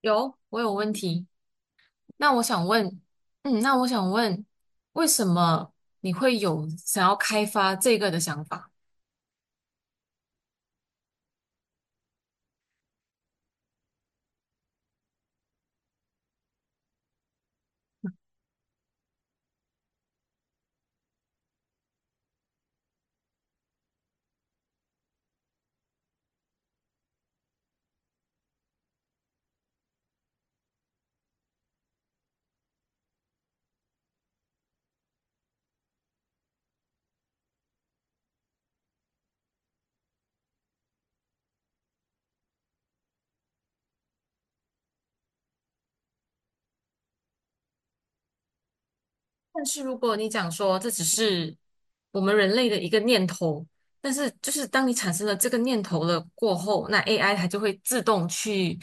有，我有问题。那我想问，那我想问,为什么你会有想要开发这个的想法？但是如果你讲说这只是我们人类的一个念头，但是就是当你产生了这个念头了过后，那 AI 它就会自动去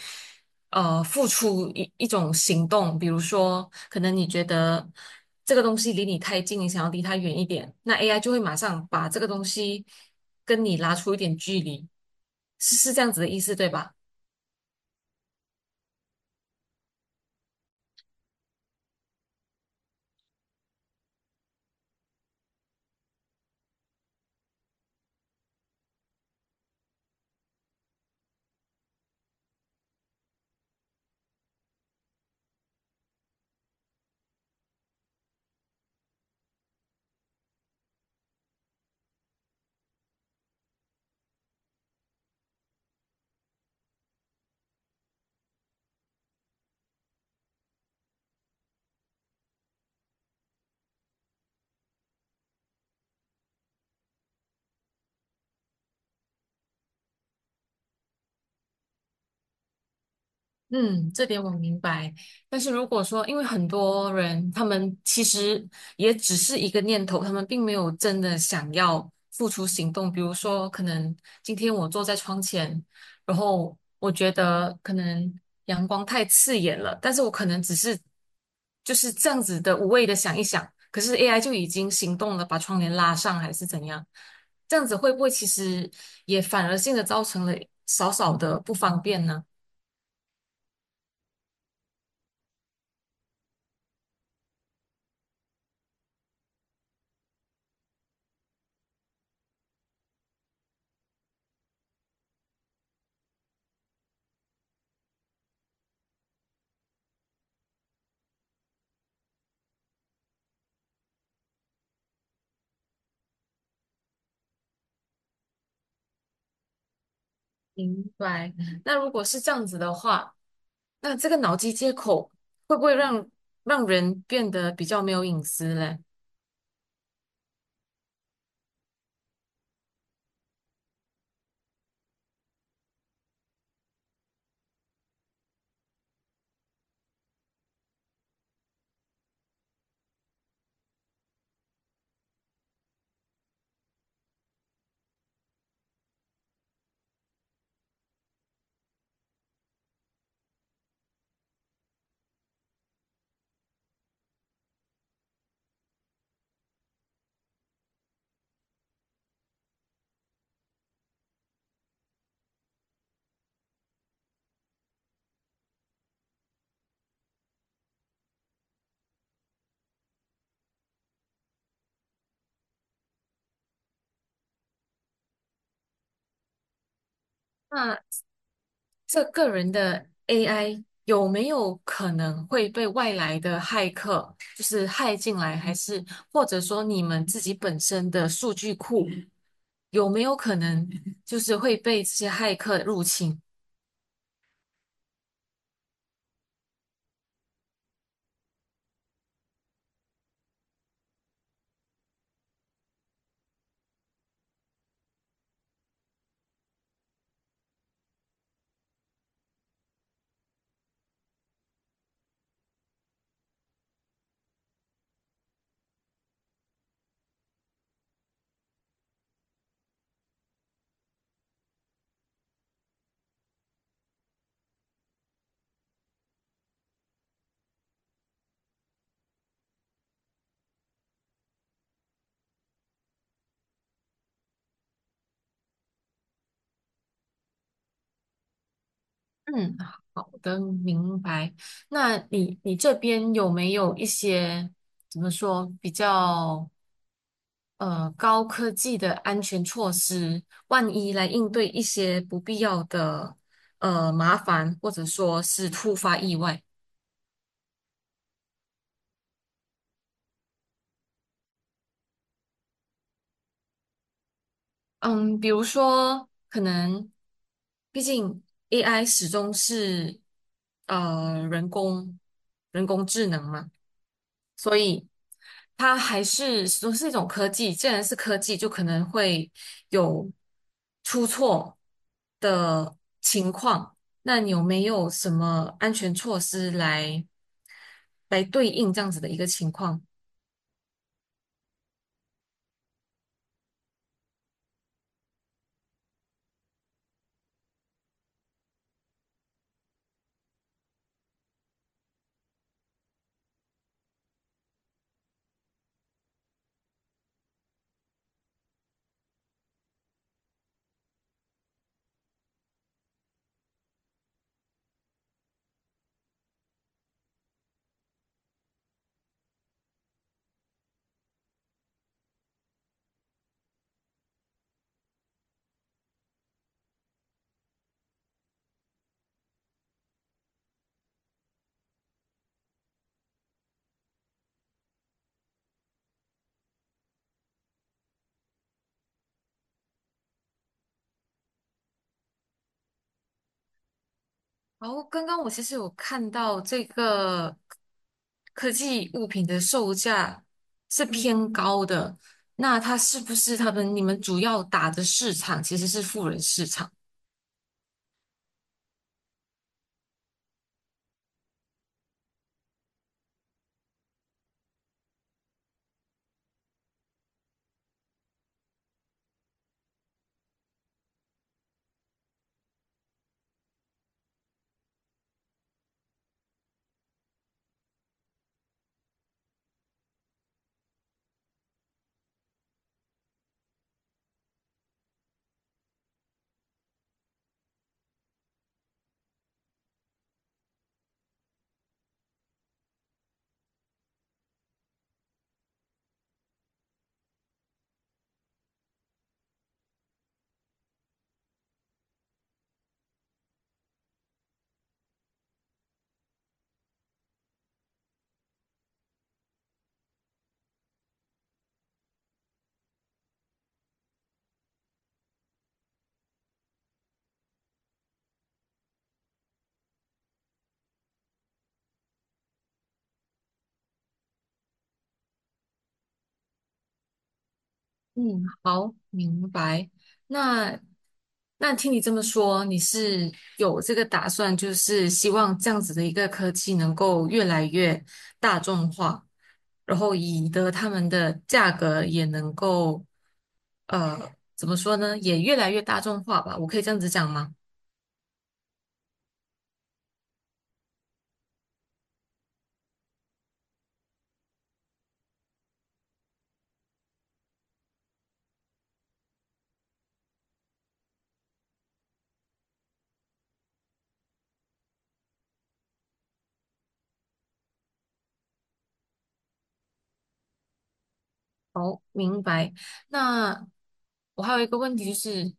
付出一种行动，比如说可能你觉得这个东西离你太近，你想要离它远一点，那 AI 就会马上把这个东西跟你拉出一点距离。是这样子的意思，对吧？嗯，这点我明白。但是如果说，因为很多人他们其实也只是一个念头，他们并没有真的想要付出行动。比如说，可能今天我坐在窗前，然后我觉得可能阳光太刺眼了，但是我可能只是就是这样子的无谓的想一想，可是 AI 就已经行动了，把窗帘拉上还是怎样？这样子会不会其实也反而性的造成了少少的不方便呢？明白。那如果是这样子的话，那这个脑机接口会不会让人变得比较没有隐私嘞？那这个人的 AI 有没有可能会被外来的骇客就是骇进来，还是或者说你们自己本身的数据库有没有可能就是会被这些骇客入侵？嗯，好的，明白。那你这边有没有一些怎么说比较高科技的安全措施，万一来应对一些不必要的麻烦，或者说是突发意外？嗯，比如说可能，毕竟 AI 始终是呃人工人工智能嘛。所以它还是说是一种科技，既然是科技，就可能会有出错的情况。那你有没有什么安全措施来对应这样子的一个情况？然后刚刚我其实有看到这个科技物品的售价是偏高的，那它是不是他们你们主要打的市场其实是富人市场？嗯，好，明白。那听你这么说，你是有这个打算，就是希望这样子的一个科技能够越来越大众化，然后以得他们的价格也能够，呃，怎么说呢，也越来越大众化吧？我可以这样子讲吗？好，明白。那我还有一个问题就是，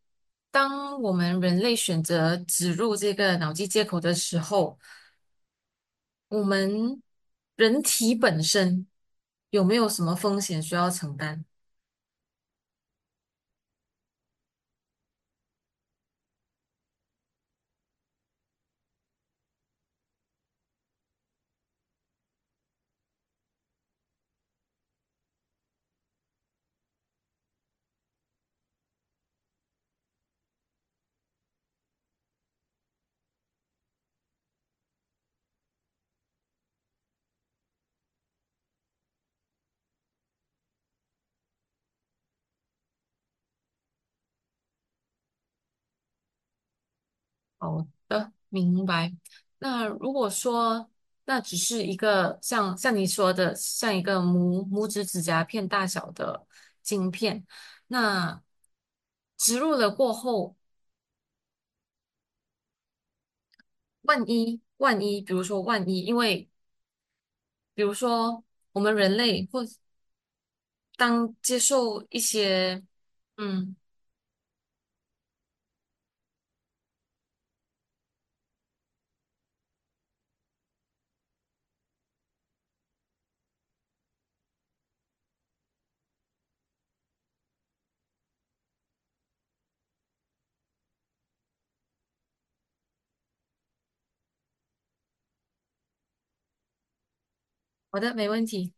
当我们人类选择植入这个脑机接口的时候，我们人体本身有没有什么风险需要承担？好的，明白。那如果说那只是一个像你说的，像一个拇指指甲片大小的晶片，那植入了过后，万一，因为比如说我们人类或当接受一些，嗯，好的，没问题。